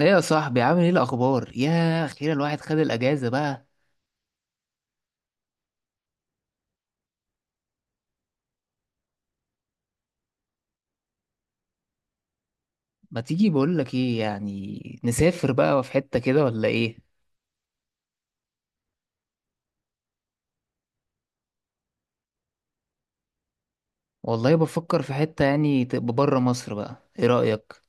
ايه يا صاحبي، عامل ايه الاخبار؟ يا اخيرا الواحد خد الاجازه بقى. ما تيجي بقول لك ايه، يعني نسافر بقى في حته كده ولا ايه؟ والله بفكر في حته يعني تبقى بره مصر بقى، ايه رايك؟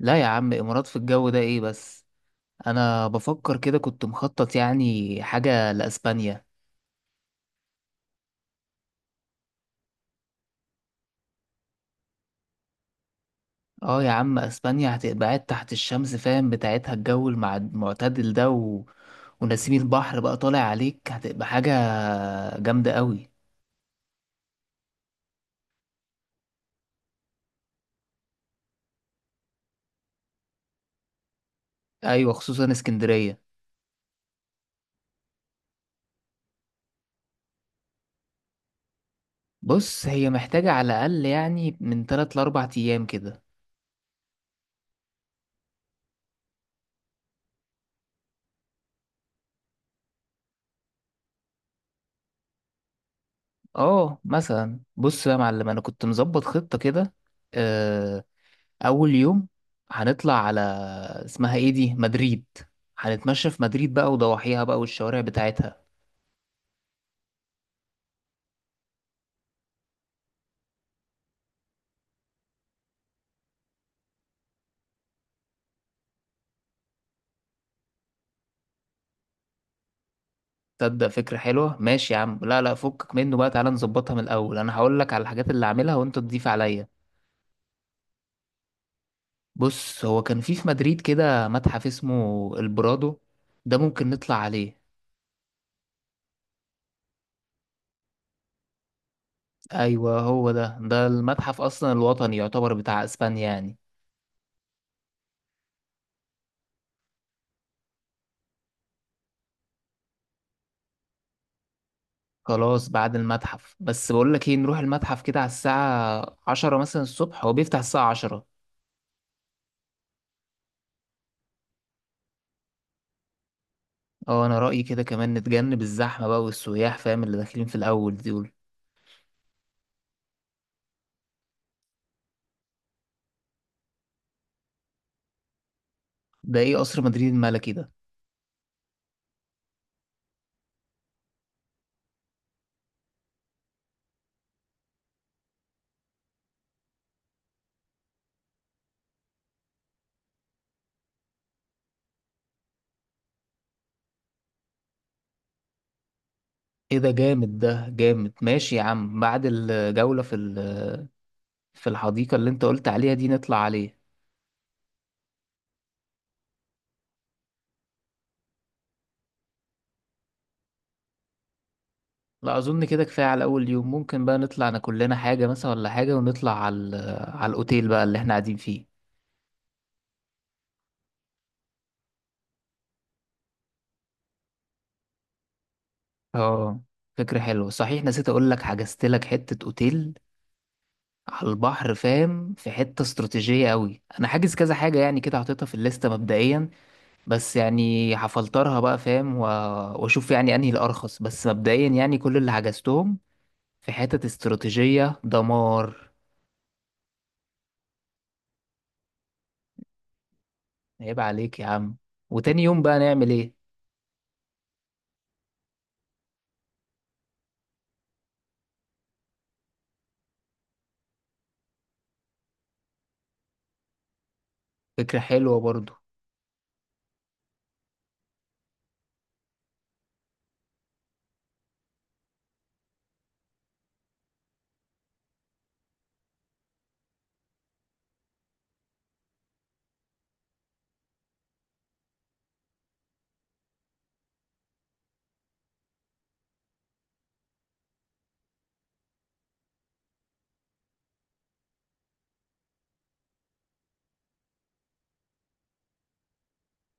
لا يا عم، امارات في الجو ده ايه بس. انا بفكر كده، كنت مخطط يعني حاجه لاسبانيا. اه يا عم اسبانيا، هتبقى قاعد تحت الشمس فاهم بتاعتها، الجو المعتدل ده ونسيم البحر بقى طالع عليك، هتبقى حاجه جامده قوي. ايوه خصوصا اسكندريه. بص هي محتاجة على الأقل يعني من 3 لـ4 أيام كده. اه مثلا بص بقى يا معلم، أنا كنت مظبط خطة كده. آه، أول يوم هنطلع على، اسمها ايه دي؟ مدريد. هنتمشى في مدريد بقى وضواحيها بقى والشوارع بتاعتها. تصدق فكرة حلوة، ماشي يا عم. لا لا، فكك منه بقى، تعالى نظبطها من الأول. أنا هقول لك على الحاجات اللي هعملها وأنت تضيف عليا. بص هو كان في مدريد كده متحف اسمه البرادو، ده ممكن نطلع عليه. ايوه هو ده، ده المتحف اصلا الوطني يعتبر بتاع اسبانيا يعني. خلاص بعد المتحف، بس بقول لك ايه، نروح المتحف كده على الساعة 10 مثلا الصبح، هو بيفتح الساعة 10. اه انا رأيي كده، كمان نتجنب الزحمة بقى والسياح فاهم اللي داخلين في الاول دول. ده ايه قصر مدريد الملكي ده؟ ايه ده جامد، ده جامد. ماشي يا عم، بعد الجولة في في الحديقة اللي انت قلت عليها دي، نطلع عليه. لا اظن كده كفاية على اول يوم، ممكن بقى نطلع ناكل لنا حاجة مثلا ولا حاجة ونطلع على على الاوتيل بقى اللي احنا قاعدين فيه. اه فكرة حلوة، صحيح نسيت اقول لك، حجزت لك حتة اوتيل على البحر فاهم، في حتة استراتيجية قوي. انا حاجز كذا حاجة يعني كده، حاططها في الليستة مبدئيا، بس يعني هفلترها بقى فاهم واشوف يعني انهي الارخص. بس مبدئيا يعني كل اللي حجزتهم في حتة استراتيجية دمار. عيب عليك يا عم. وتاني يوم بقى نعمل ايه؟ فكرة حلوة برضو.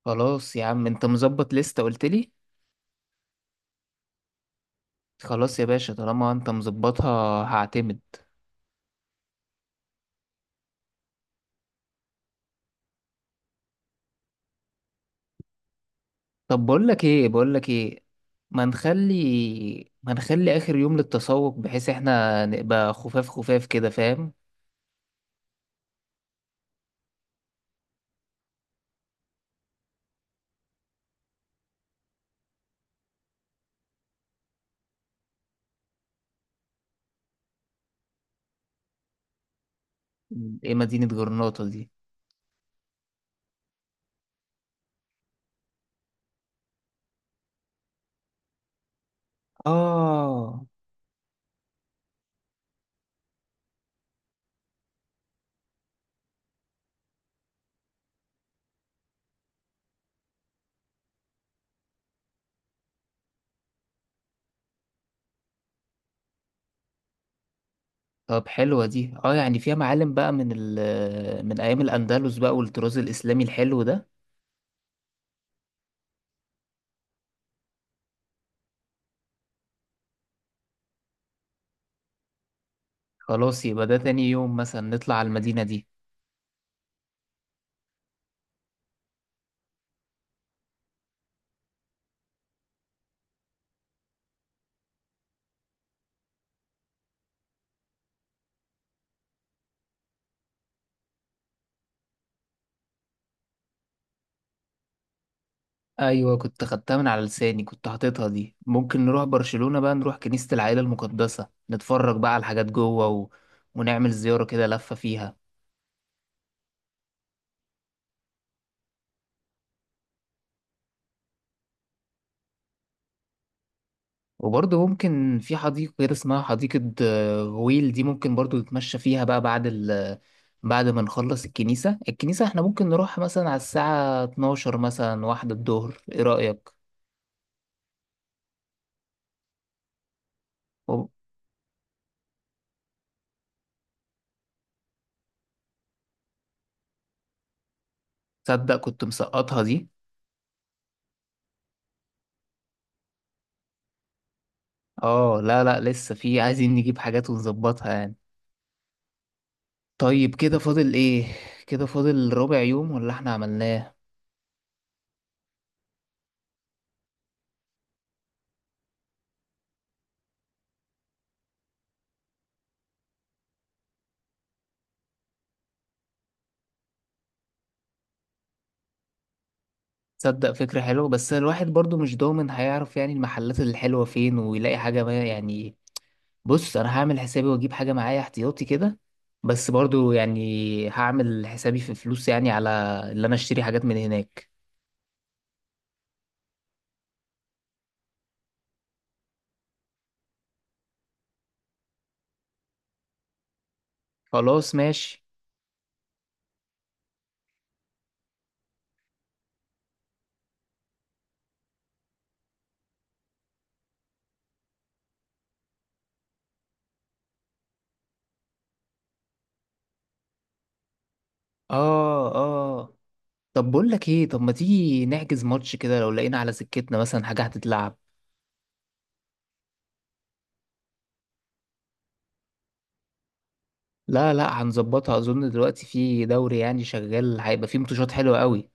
خلاص يا عم انت مظبط لستة قلت لي. خلاص يا باشا، طالما انت مظبطها هعتمد. طب بقول لك ايه، بقول لك ايه، ما نخلي اخر يوم للتسوق، بحيث احنا نبقى خفاف خفاف كده فاهم. ايه مدينة جرناطة دي؟ اه طب حلوة دي، اه يعني فيها معالم بقى من ال من ايام الاندلس بقى والطراز الاسلامي الحلو ده. خلاص يبقى ده تاني يوم مثلا نطلع على المدينة دي. ايوه كنت خدتها من على لساني، كنت حاططها دي. ممكن نروح برشلونة بقى، نروح كنيسة العائلة المقدسة نتفرج بقى على الحاجات جوه ونعمل زيارة كده لفة فيها. وبرضه ممكن في حديقة كده اسمها حديقة غويل، دي ممكن برضه نتمشى فيها بقى بعد ال بعد ما نخلص الكنيسة. احنا ممكن نروح مثلا على الساعة 12 مثلا، واحدة الظهر، ايه رأيك؟ و- تصدق كنت مسقطها دي. اه لا لا، لسه في عايزين نجيب حاجات ونظبطها يعني. طيب كده فاضل ايه؟ كده فاضل ربع يوم ولا احنا عملناه؟ تصدق فكرة حلوة، بس الواحد برضو مش ضامن هيعرف يعني المحلات الحلوة فين ويلاقي حاجة ما يعني. بص انا هعمل حسابي واجيب حاجه معايا احتياطي كده. بس برضو يعني هعمل حسابي في فلوس يعني على اللي انا اشتري حاجات من هناك. خلاص ماشي. اه اه. طب بقول لك ايه، طب ما تيجي نحجز ماتش كده لو لقينا على سكتنا مثلا حاجه هتتلعب. لا لا هنظبطها، اظن دلوقتي في دوري يعني شغال، هيبقى فيه ماتشات حلوه قوي.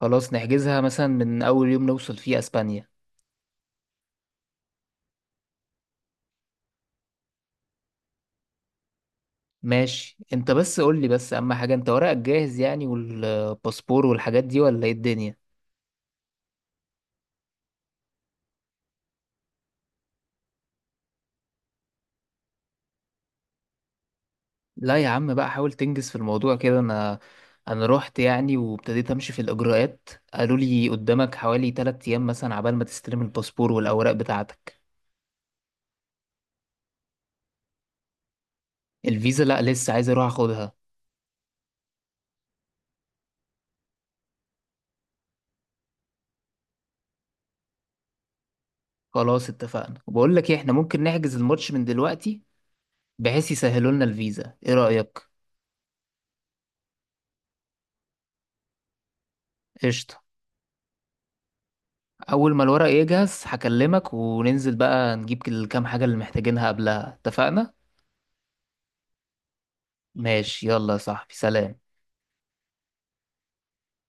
خلاص نحجزها مثلا من اول يوم نوصل فيه اسبانيا. ماشي، انت بس قول لي، بس اهم حاجه انت ورقك جاهز يعني والباسبور والحاجات دي ولا ايه الدنيا؟ لا يا عم بقى، حاول تنجز في الموضوع كده. انا رحت يعني وابتديت امشي في الاجراءات قالوا لي قدامك حوالي 3 ايام مثلا عبال ما تستلم الباسبور والاوراق بتاعتك. الفيزا لا، لسه عايز اروح اخدها. خلاص اتفقنا، وبقول لك ايه احنا ممكن نحجز الماتش من دلوقتي، بحيث يسهلوا لنا الفيزا، ايه رأيك؟ قشطة. اول ما الورق يجهز هكلمك وننزل بقى نجيب الكام حاجة اللي محتاجينها قبلها، اتفقنا. ماشي يلا يا صاحبي، سلام.